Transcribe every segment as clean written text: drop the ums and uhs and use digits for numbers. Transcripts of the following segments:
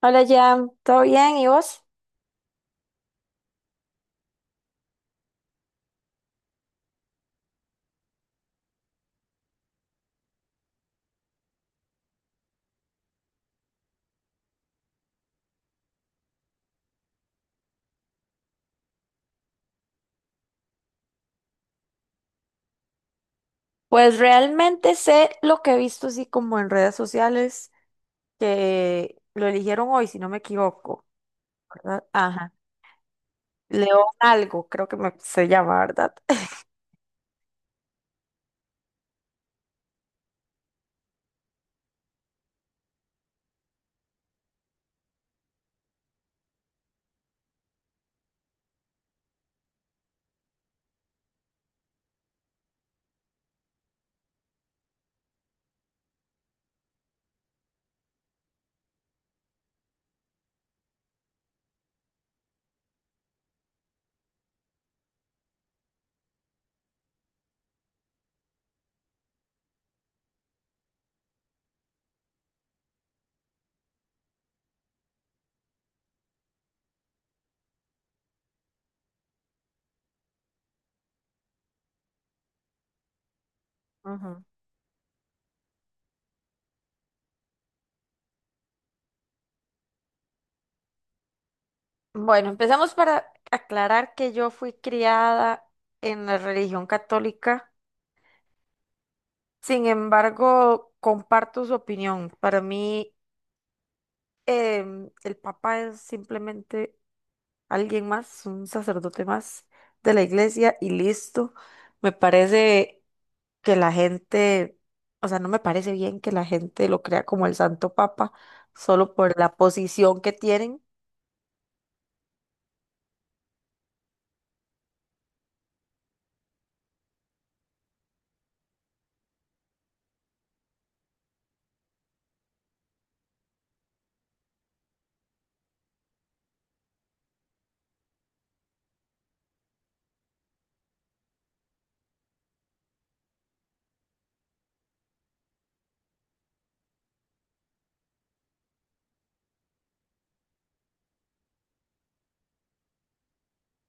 Hola, Jam, ¿todo bien? ¿Y vos? Pues realmente sé lo que he visto así como en redes sociales, que lo eligieron hoy, si no me equivoco, ¿verdad? Ajá. León algo, creo que se llama, ¿verdad? Ujú. Bueno, empezamos para aclarar que yo fui criada en la religión católica, sin embargo, comparto su opinión. Para mí, el Papa es simplemente alguien más, un sacerdote más de la iglesia y listo. Me parece que la gente, o sea, no me parece bien que la gente lo crea como el Santo Papa solo por la posición que tienen.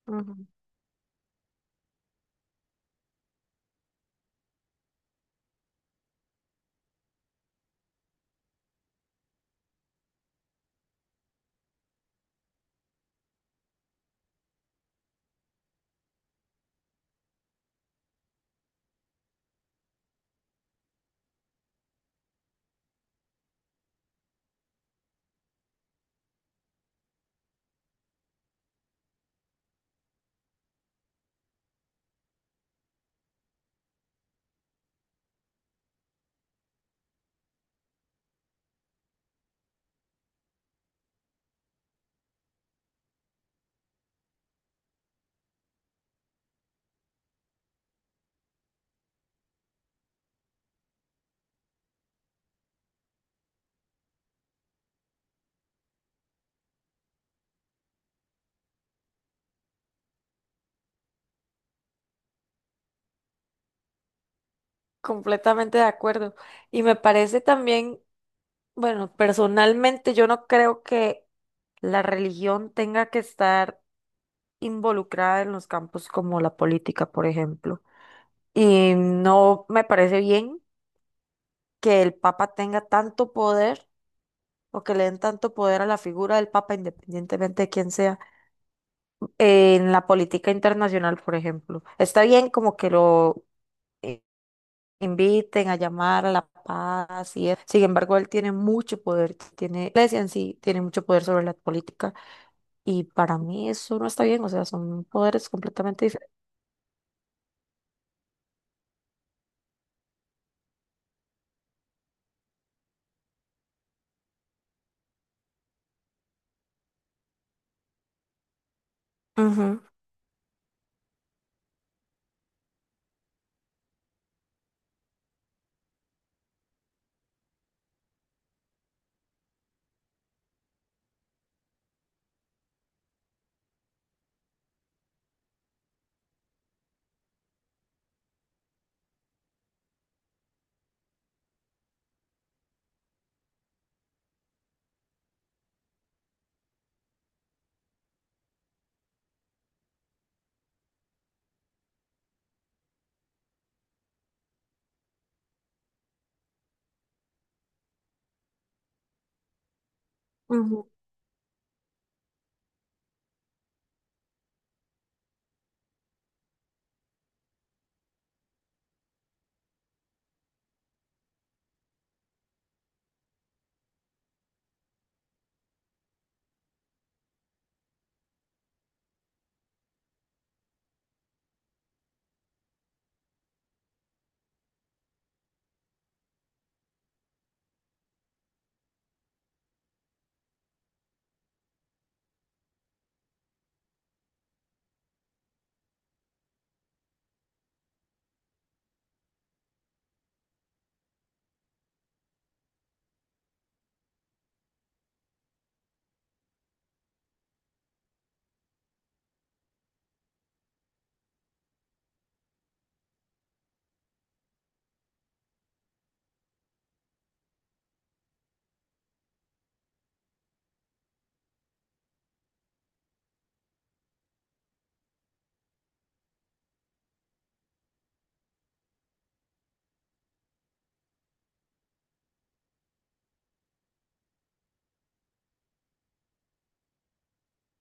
Ujú. Completamente de acuerdo. Y me parece también, bueno, personalmente yo no creo que la religión tenga que estar involucrada en los campos como la política, por ejemplo. Y no me parece bien que el Papa tenga tanto poder o que le den tanto poder a la figura del Papa, independientemente de quién sea, en la política internacional, por ejemplo. Está bien como que lo eh, inviten a llamar a la paz y eso. Sin embargo, él tiene mucho poder, tiene, la iglesia en sí tiene mucho poder sobre la política y para mí eso no está bien, o sea, son poderes completamente diferentes. Ujú.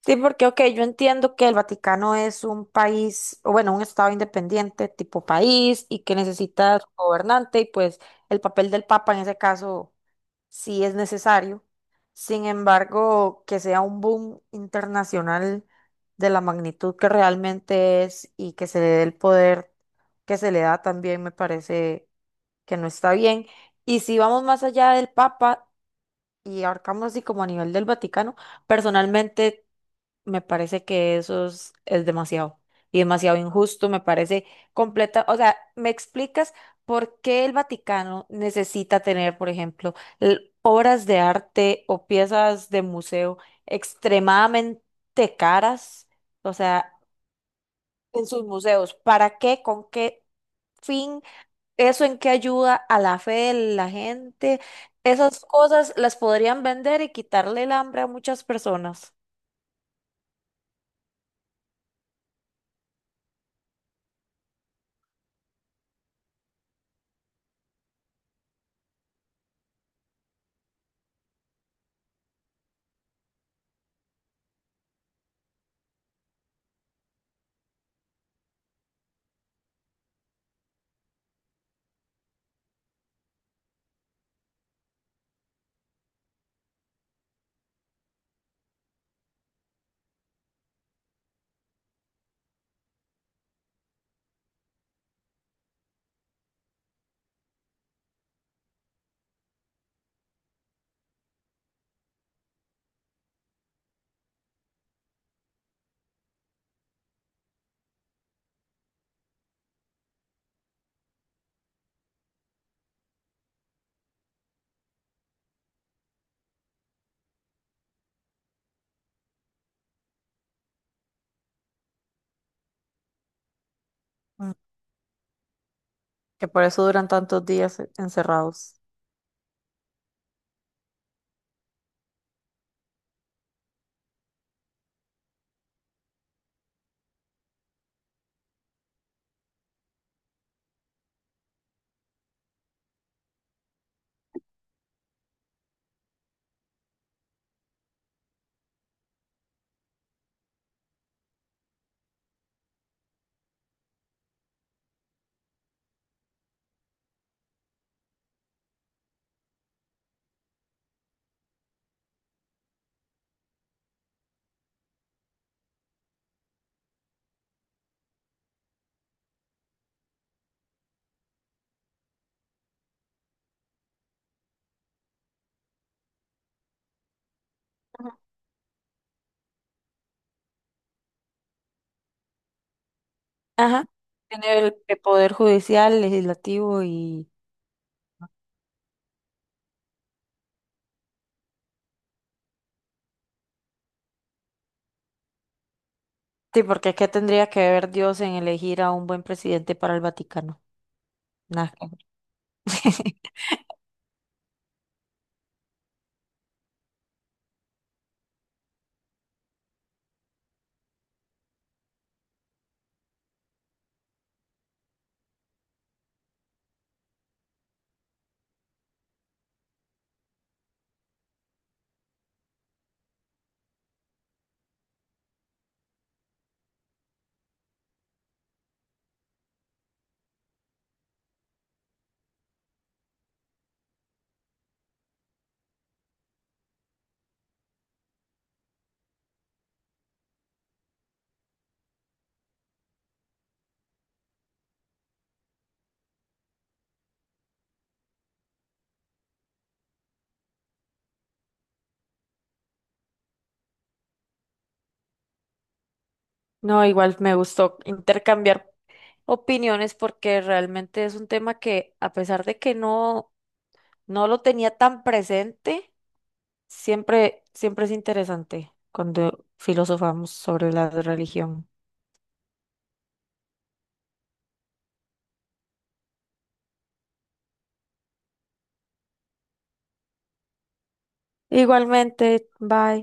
Sí, porque, ok, yo entiendo que el Vaticano es un país, o bueno, un estado independiente tipo país y que necesita su gobernante y pues el papel del Papa en ese caso sí es necesario. Sin embargo, que sea un boom internacional de la magnitud que realmente es y que se le dé el poder que se le da también me parece que no está bien. Y si vamos más allá del Papa y ahorcamos así como a nivel del Vaticano, personalmente... Me parece que eso es demasiado y demasiado injusto, me parece completa, o sea, ¿me explicas por qué el Vaticano necesita tener, por ejemplo, obras de arte o piezas de museo extremadamente caras? O sea, en sus museos, ¿para qué? ¿Con qué fin? ¿Eso en qué ayuda a la fe de la gente? Esas cosas las podrían vender y quitarle el hambre a muchas personas. Que por eso duran tantos días encerrados. Ajá. En el poder judicial, legislativo y... Sí, porque ¿qué tendría que ver Dios en elegir a un buen presidente para el Vaticano? Nada. Que- ver. No, igual me gustó intercambiar opiniones porque realmente es un tema que a pesar de que no no lo tenía tan presente, siempre es interesante cuando filosofamos sobre la religión. Igualmente, bye.